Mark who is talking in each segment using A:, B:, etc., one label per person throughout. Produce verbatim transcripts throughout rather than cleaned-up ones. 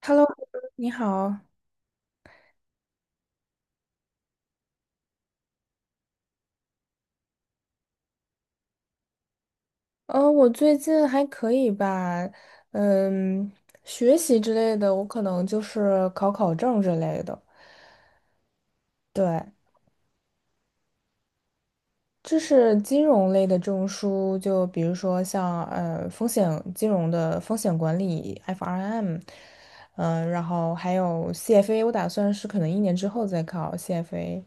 A: Hello，你好。呃，我最近还可以吧，嗯，学习之类的，我可能就是考考证之类的。对，这是金融类的证书，就比如说像呃风险金融的风险管理（ （F R M），嗯、然后还有 C F A，我打算是可能一年之后再考 C F A。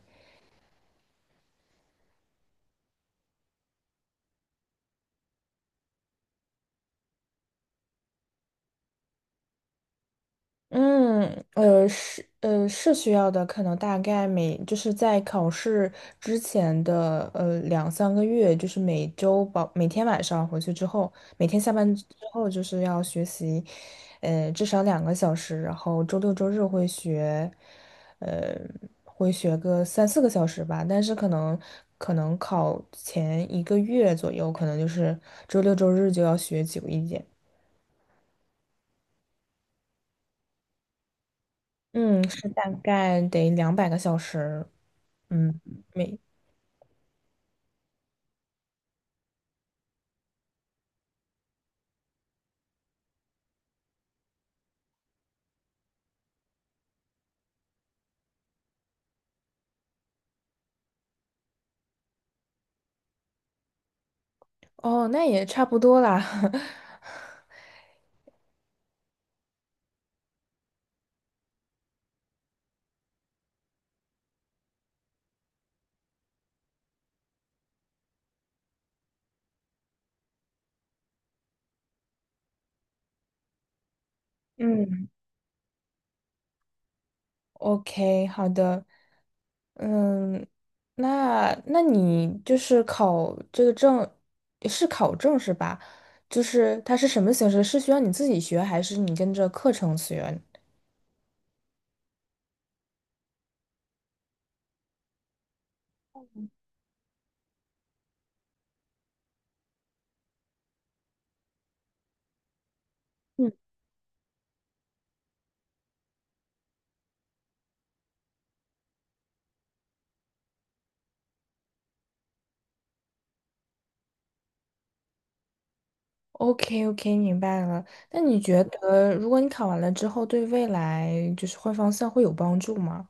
A: 嗯，呃，是，呃，是需要的，可能大概每就是在考试之前的呃两三个月，就是每周保每天晚上回去之后，每天下班之后就是要学习，呃，至少两个小时，然后周六周日会学，呃，会学个三四个小时吧，但是可能可能考前一个月左右，可能就是周六周日就要学久一点，嗯，是大概得两百个小时。嗯，没，哦，那也差不多啦。嗯，OK，好的。嗯，那那你就是考这个证，是考证是吧？就是它是什么形式？是需要你自己学，还是你跟着课程学？嗯。OK OK，明白了。那你觉得，如果你考完了之后，对未来就是换方向会有帮助吗？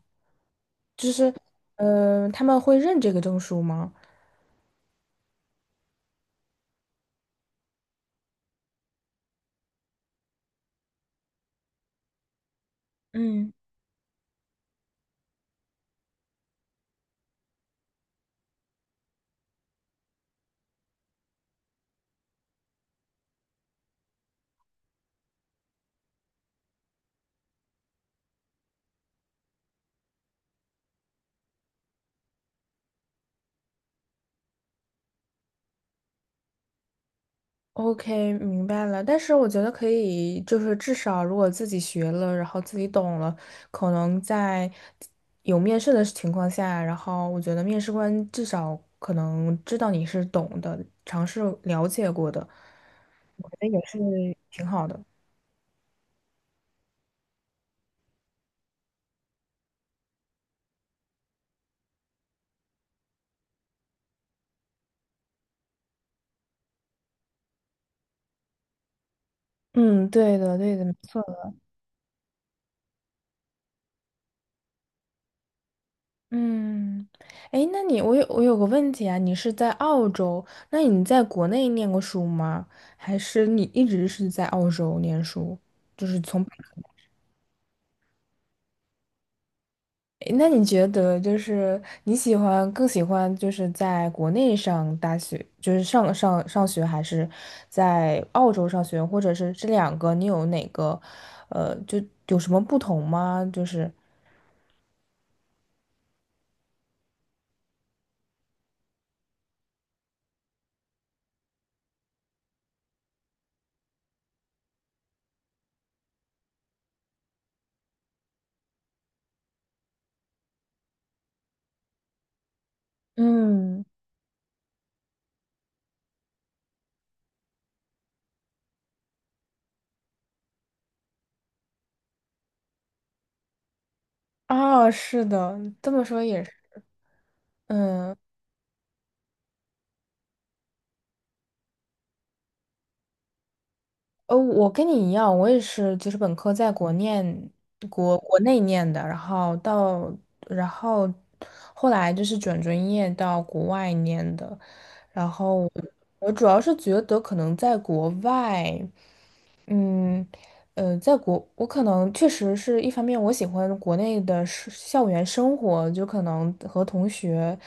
A: 嗯，他们会认这个证书吗？嗯。OK，明白了。但是我觉得可以，就是至少如果自己学了，然后自己懂了，可能在有面试的情况下，然后我觉得面试官至少可能知道你是懂的，尝试了解过的，我觉得也是挺好的。嗯，对的，对的，没错的。嗯，哎，那你我有我有个问题啊，你是在澳洲，那你在国内念过书吗？还是你一直是在澳洲念书？就是从。诶那你觉得就是你喜欢更喜欢就是在国内上大学，就是上上上学，还是在澳洲上学，或者是这两个你有哪个，呃，就有什么不同吗？就是，嗯，啊，是的，这么说也是，嗯，呃，我跟你一样，我也是，就是本科在国念国国内念的，然后到然后后来就是转专业到国外念的，然后我我主要是觉得可能在国外。嗯，呃，在国，我可能确实是一方面，我喜欢国内的是校园生活，就可能和同学，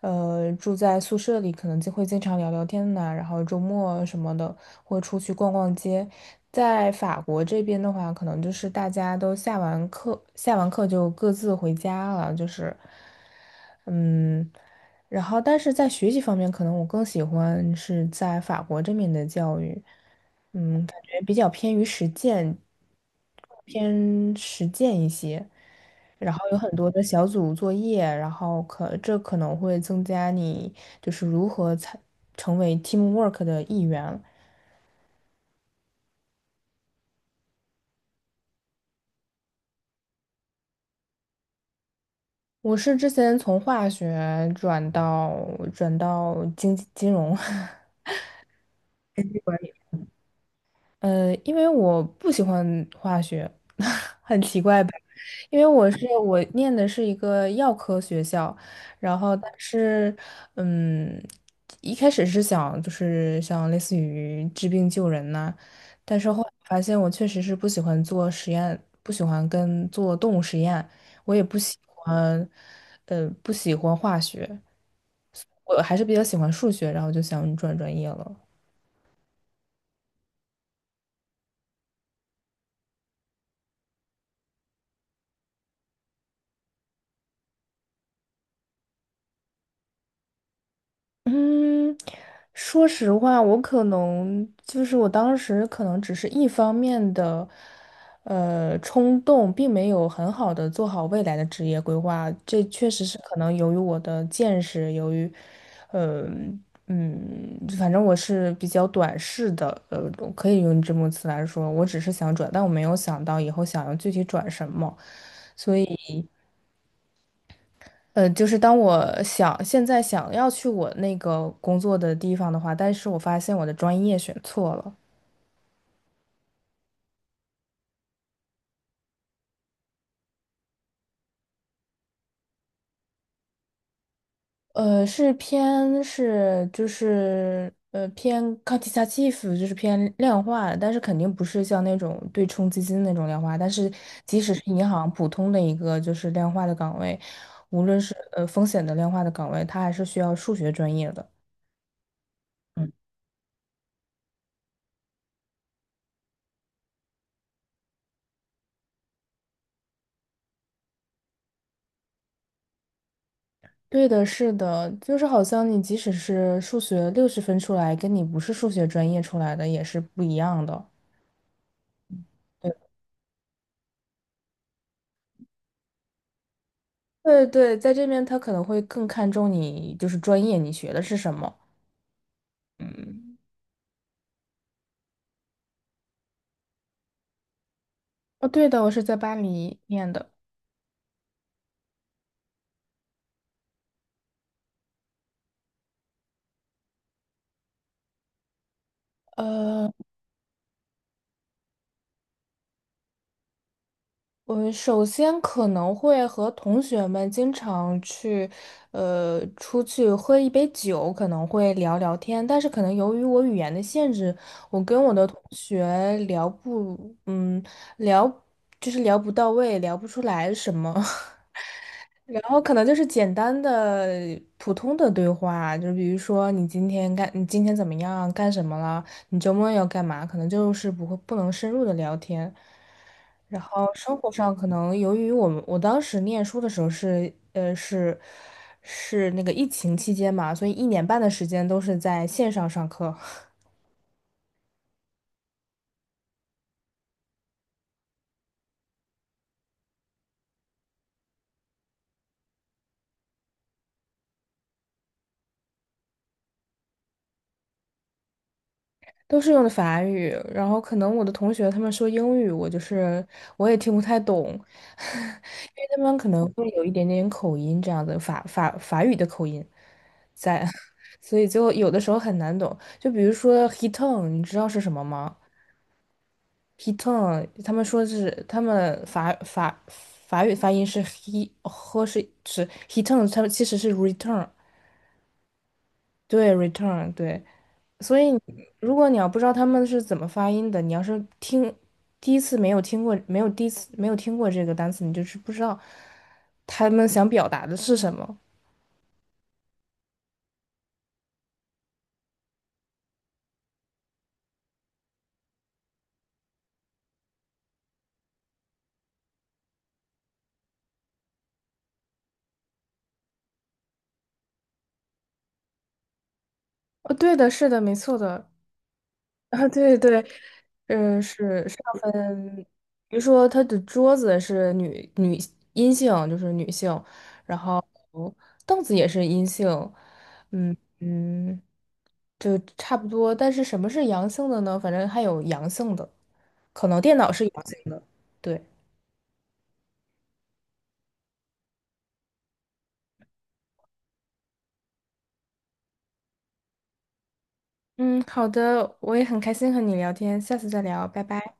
A: 呃，住在宿舍里，可能就会经常聊聊天呐、然后周末什么的会出去逛逛街。在法国这边的话，可能就是大家都下完课，下完课就各自回家了，就是。嗯，然后但是在学习方面，可能我更喜欢是在法国这面的教育，嗯，感觉比较偏于实践，偏实践一些，然后有很多的小组作业，然后可这可能会增加你就是如何才成为 teamwork 的一员。我是之前从化学转到转到经济金融。呃，因为我不喜欢化学，很奇怪吧？因为我是我念的是一个药科学校，然后但是，嗯，一开始是想就是像类似于治病救人呐、但是后来发现我确实是不喜欢做实验，不喜欢跟做动物实验，我也不喜欢，呃，不喜欢化学，我还是比较喜欢数学，然后就想转专业了。嗯，说实话，我可能就是我当时可能只是一方面的，呃，冲动，并没有很好的做好未来的职业规划。这确实是可能由于我的见识，由于，呃，嗯，反正我是比较短视的，呃，可以用这么词来说，我只是想转，但我没有想到以后想要具体转什么。所以。呃，就是当我想现在想要去我那个工作的地方的话，但是我发现我的专业选错了，呃，是偏是就是呃偏 quantitative，就是偏量化的，但是肯定不是像那种对冲基金那种量化，但是即使是银行普通的一个就是量化的岗位，无论是呃风险的量化的岗位，它还是需要数学专业的。对的，是的，就是好像你即使是数学六十分出来，跟你不是数学专业出来的也是不一样的。对对对，在这边他可能会更看重你就是专业，你学的是什么。嗯，哦，对的，我是在巴黎念的。呃。我首先可能会和同学们经常去，呃，出去喝一杯酒，可能会聊聊天。但是可能由于我语言的限制，我跟我的同学聊不，嗯，聊就是聊不到位，聊不出来什么。然后可能就是简单的普通的对话，就比如说你今天干，你今天怎么样，干什么了？你周末要干嘛？可能就是不会不能深入的聊天。然后生活上可能由于我们我当时念书的时候是呃是是那个疫情期间嘛，所以一年半的时间都是在线上上课，都是用的法语。然后可能我的同学他们说英语，我就是我也听不太懂，因为他们可能会有一点点口音这样的法法法语的口音在，所以就有的时候很难懂。就比如说 hitung，你知道是什么吗？He t o n 他们说是他们法法法语发音是 he 和是是 heton，他们其实是 return，对 return 对。所以你如果你要不知道他们是怎么发音的，你要是听第一次没有听过，没有第一次没有听过这个单词，你就是不知道他们想表达的是什么。哦，对的，是的，没错的。啊，对对，嗯，是上分，比如说他的桌子是女女阴性，就是女性，然后凳子也是阴性，嗯嗯，就差不多。但是什么是阳性的呢？反正还有阳性的，可能电脑是阳性的。对，嗯，好的，我也很开心和你聊天，下次再聊，拜拜。